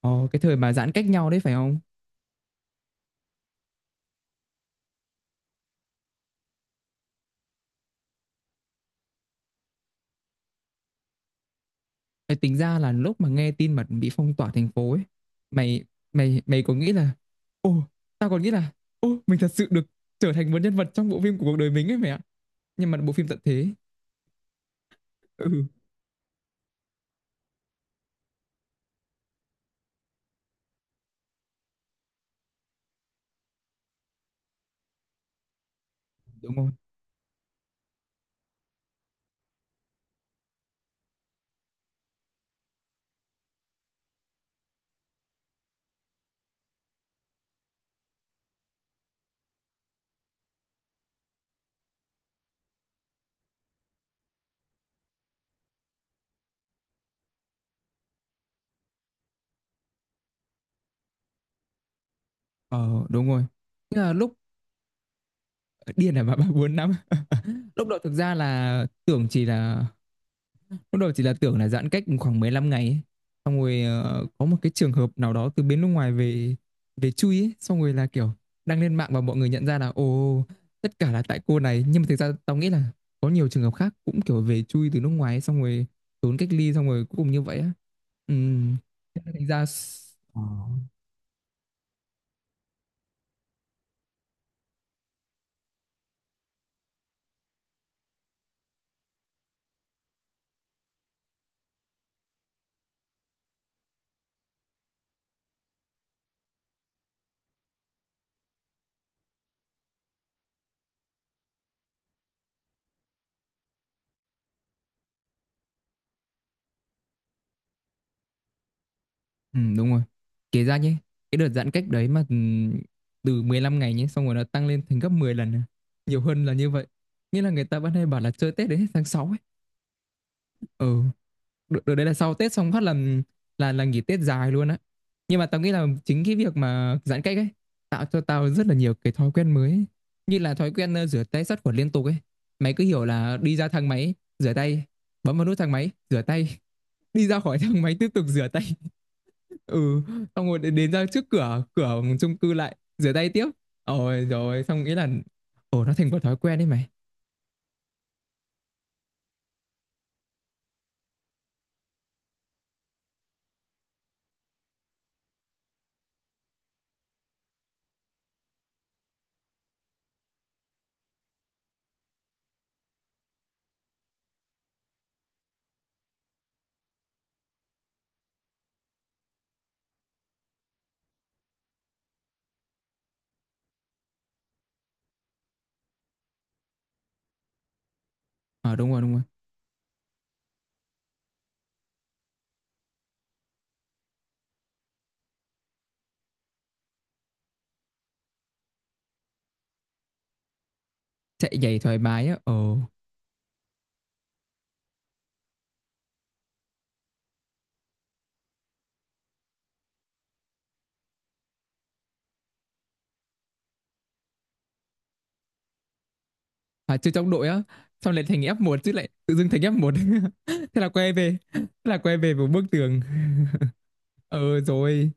Ờ, cái thời mà giãn cách nhau đấy phải không? Mày tính ra là lúc mà nghe tin mà bị phong tỏa thành phố ấy, mày mày mày có nghĩ là ồ, tao còn nghĩ là ồ, mình thật sự được trở thành một nhân vật trong bộ phim của cuộc đời mình ấy mày ạ. Nhưng mà bộ phim tận thế. Ừ, đúng rồi. Ờ, đúng rồi. Tức là lúc ờ, điên này mà bà 4 năm. Lúc đó thực ra là tưởng chỉ là Lúc đầu chỉ là tưởng là giãn cách khoảng 15 ngày ấy. Xong rồi có một cái trường hợp nào đó từ bên nước ngoài về về chui ấy. Xong rồi là kiểu đăng lên mạng và mọi người nhận ra là ồ, tất cả là tại cô này. Nhưng mà thực ra tao nghĩ là có nhiều trường hợp khác cũng kiểu về chui từ nước ngoài ấy. Xong rồi trốn cách ly xong rồi cuối cùng như vậy á. Ừ. Thế là thành ra. Ờ. Ừ, đúng rồi. Kể ra nhé, cái đợt giãn cách đấy mà từ 15 ngày nhé, xong rồi nó tăng lên thành gấp 10 lần. Nhiều hơn là như vậy. Nghĩa là người ta vẫn hay bảo là chơi Tết đến hết tháng 6 ấy. ừ được, đấy là sau Tết xong phát là là nghỉ Tết dài luôn á. Nhưng mà tao nghĩ là chính cái việc mà giãn cách ấy tạo cho tao rất là nhiều cái thói quen mới ấy, như là thói quen rửa tay sát khuẩn liên tục ấy. Mày cứ hiểu là đi ra thang máy rửa tay, bấm vào nút thang máy rửa tay, đi ra khỏi thang máy tiếp tục rửa tay. Ừ, xong rồi đến ra trước cửa cửa chung cư lại rửa tay tiếp. Ôi, rồi xong nghĩ là ồ, nó thành một thói quen đấy mày. Ờ, đúng rồi đúng rồi. Chạy nhảy thoải mái á, ồ. Phải chơi trong đội á, xong lại thành F1, chứ lại tự dưng thành F1. Thế là quay về một bức tường. Ờ, rồi.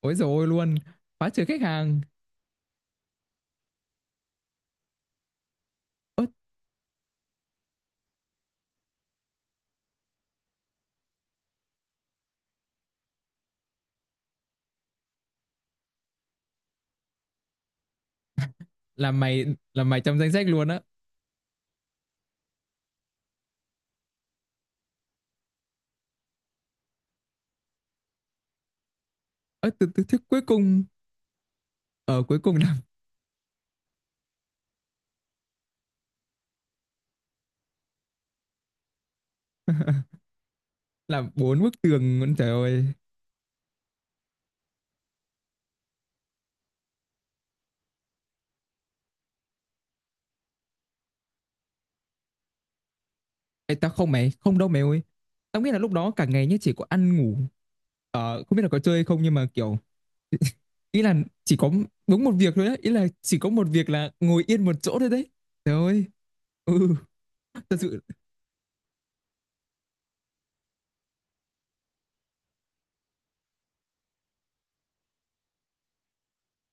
Ôi, rồi luôn. Phá trừ khách hàng. Ớt. Là mày, trong danh sách luôn á. Ớt, từ từ, thế cuối cùng, ở cuối cùng là 4 bức tường luôn. Trời ơi. Ê, tao không, mày không đâu mày ơi. Tao nghĩ là lúc đó cả ngày nhé, chỉ có ăn ngủ, ờ không biết là có chơi không, nhưng mà kiểu, ý là chỉ có đúng một việc thôi đấy, ý là chỉ có một việc là ngồi yên một chỗ thôi đấy. Trời ơi. Ừ. Thật sự.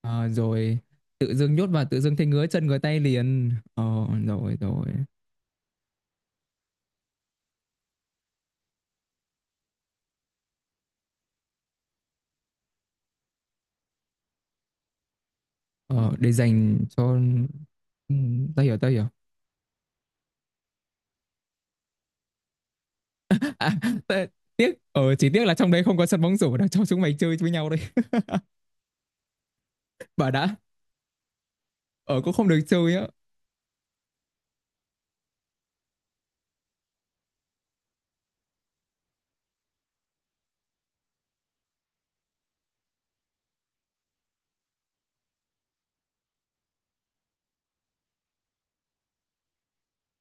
Ờ, rồi tự dưng nhốt vào, tự dưng thấy ngứa chân ngứa tay liền, ờ. Rồi rồi. Ờ, để dành cho. Ừ, tao hiểu tao hiểu. À, tê- tiếc, chỉ tiếc là trong đấy không có sân bóng rổ để cho chúng mày chơi với nhau đây. Bà đã. Ờ, cũng không được chơi á.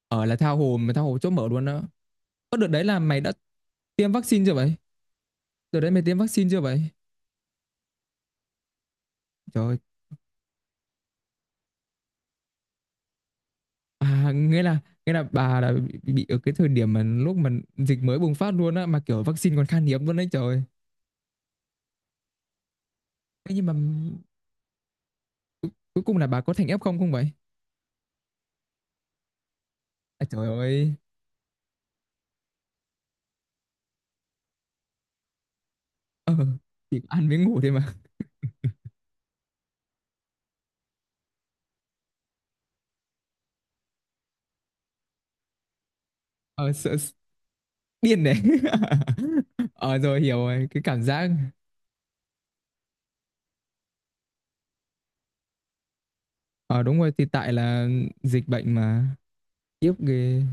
Ờ, là tha hồ mà tha hồ chỗ mở luôn á. Có đợt đấy là mày đã tiêm vaccine chưa vậy? Đợt đấy mày tiêm vaccine chưa vậy? Trời ơi. À, nghĩa là, bà đã bị ở cái thời điểm mà lúc mà dịch mới bùng phát luôn á, mà kiểu vaccine còn khan hiếm luôn đấy, trời. Thế nhưng mà cu- cuối cùng là bà có thành F0, không vậy? À, trời ơi. Ờ, chỉ có ăn với ngủ thôi mà. Ờ, sợ sợ- điên đấy. Ờ rồi, hiểu rồi, cái cảm giác. Ờ, đúng rồi, thì tại là dịch bệnh mà. Tiếp ghê.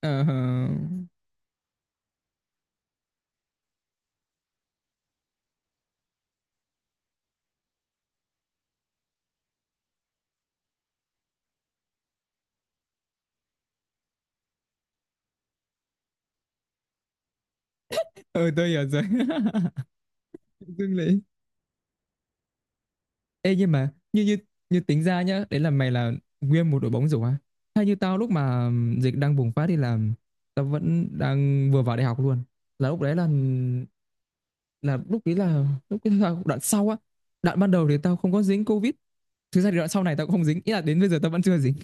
Ờ, ờ, tôi hiểu rồi. Dưng lại. Ê, nhưng mà như như như tính ra nhá, đấy là mày là nguyên một đội bóng rổ á. Hay như tao, lúc mà dịch đang bùng phát đi là tao vẫn đang vừa vào đại học luôn. Là lúc đấy là là lúc đấy là đoạn sau á. Đoạn ban đầu thì tao không có dính Covid. Thực ra thì đoạn sau này tao cũng không dính, ý là đến bây giờ tao vẫn chưa dính.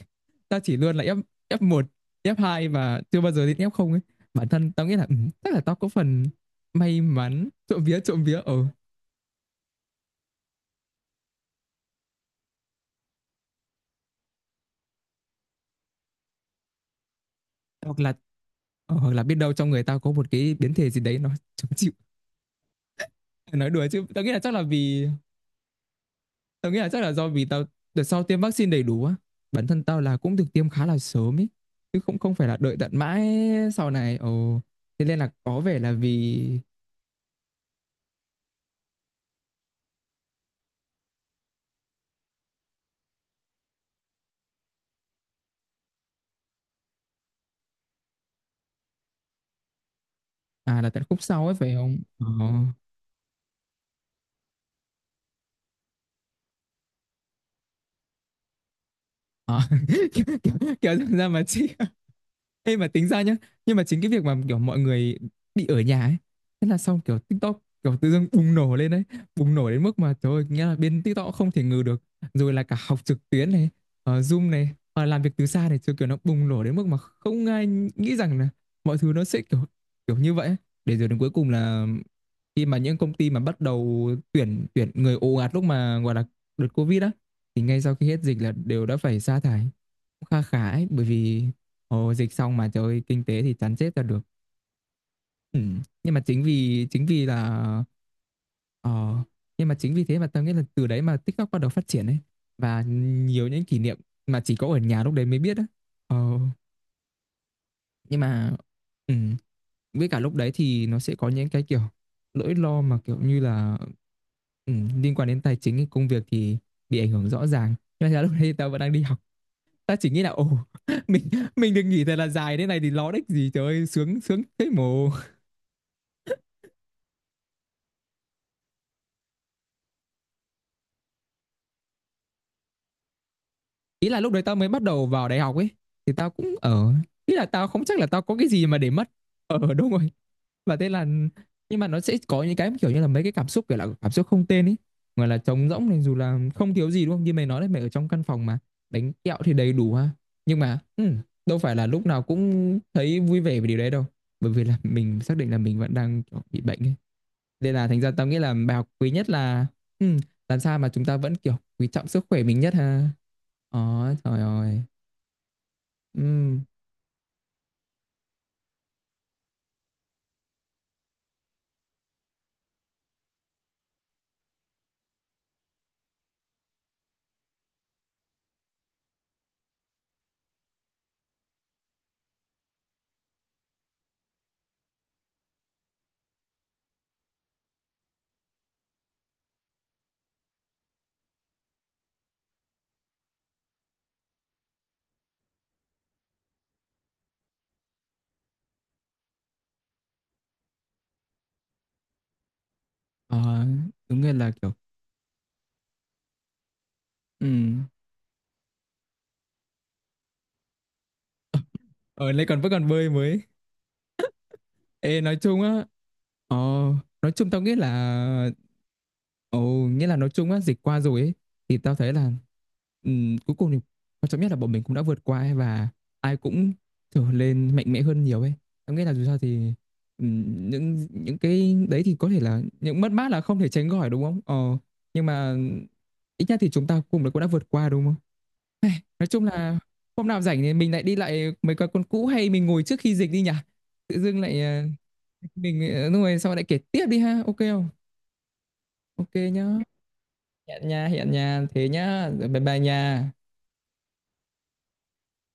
Tao chỉ luôn là F F1, F2 và chưa bao giờ đến F0 ấy. Bản thân tao nghĩ là chắc là tao có phần may mắn, trộm vía ở, hoặc là. Ờ, hoặc là biết đâu trong người tao có một cái biến thể gì đấy, nó chống chịu. Nói đùa chứ, tao nghĩ là chắc là vì tao nghĩ là chắc là do vì tao đợt sau tiêm vaccine đầy đủ á. Bản thân tao là cũng được tiêm khá là sớm ấy, chứ không không phải là đợi tận mãi sau này. Ồ, thế nên là có vẻ là vì à, là tận khúc sau ấy phải không? Ờ. À, kiểu, kiểu, kiểu ra mà chị. Ê, mà tính ra nhá, nhưng mà chính cái việc mà kiểu mọi người bị ở nhà ấy, thế là xong, kiểu TikTok kiểu tự dưng bùng nổ lên đấy. Bùng nổ đến mức mà trời ơi, nghĩa là bên TikTok cũng không thể ngừ được. Rồi là cả học trực tuyến này, Zoom này, làm việc từ xa này. Chứ kiểu nó bùng nổ đến mức mà không ai nghĩ rằng là mọi thứ nó sẽ kiểu kiểu như vậy ấy. Để rồi đến cuối cùng là, khi mà những công ty mà bắt đầu tuyển tuyển người ồ ạt lúc mà gọi là đợt Covid á, thì ngay sau khi hết dịch là đều đã phải sa thải cũng kha khá ấy, bởi vì ồ, dịch xong mà trời ơi, kinh tế thì chán chết ra được. Nhưng mà ờ, chính vì thế mà tao nghĩ là từ đấy mà TikTok bắt đầu phát triển ấy, và nhiều những kỷ niệm mà chỉ có ở nhà lúc đấy mới biết á. Ờ, nhưng mà, ừm, với cả lúc đấy thì nó sẽ có những cái kiểu nỗi lo mà kiểu như là, liên quan đến tài chính công việc thì bị ảnh hưởng rõ ràng. Nhưng mà thật ra lúc đấy tao vẫn đang đi học, ta chỉ nghĩ là ồ, mình mình được nghỉ thật là dài thế này thì lo đếch gì, trời ơi, sướng sướng thế mồ. Ý là lúc đấy tao mới bắt đầu vào đại học ấy, thì tao cũng ở, ý là tao không chắc là tao có cái gì mà để mất. Ờ, đúng rồi. Và thế là, nhưng mà nó sẽ có những cái kiểu như là mấy cái cảm xúc kiểu là cảm xúc không tên ấy, gọi là trống rỗng này, dù là không thiếu gì đúng không, như mày nói đấy, mày ở trong căn phòng mà bánh kẹo thì đầy đủ ha. Nhưng mà đâu phải là lúc nào cũng thấy vui vẻ về điều đấy đâu, bởi vì là mình xác định là mình vẫn đang kiểu bị bệnh ấy. Nên là thành ra tao nghĩ là bài học quý nhất là, ừ, làm sao mà chúng ta vẫn kiểu quý trọng sức khỏe mình nhất ha. Ờ, trời ơi. Ừ, ờ, đúng là kiểu ừ. Ờ, lại còn vẫn còn bơi mới. Ê, nói chung á, ờ, nói chung tao nghĩ là, ồ, nghĩa là nói chung á, dịch qua rồi ấy, thì tao thấy là, cuối cùng thì quan trọng nhất là bọn mình cũng đã vượt qua ấy, và ai cũng trở lên mạnh mẽ hơn nhiều ấy. Tao nghĩ là dù sao thì, những cái đấy thì có thể là những mất mát là không thể tránh khỏi đúng không? Ờ, nhưng mà ít nhất thì chúng ta cùng cũng đã vượt qua đúng không? Nói chung là hôm nào rảnh thì mình lại đi lại mấy quán con cũ hay mình ngồi trước khi dịch đi nhỉ? Tự dưng lại, mình, đúng rồi, sao lại kể tiếp đi ha, ok không? Ok nhá. Hẹn nha, thế nhá, rồi bye bye nha.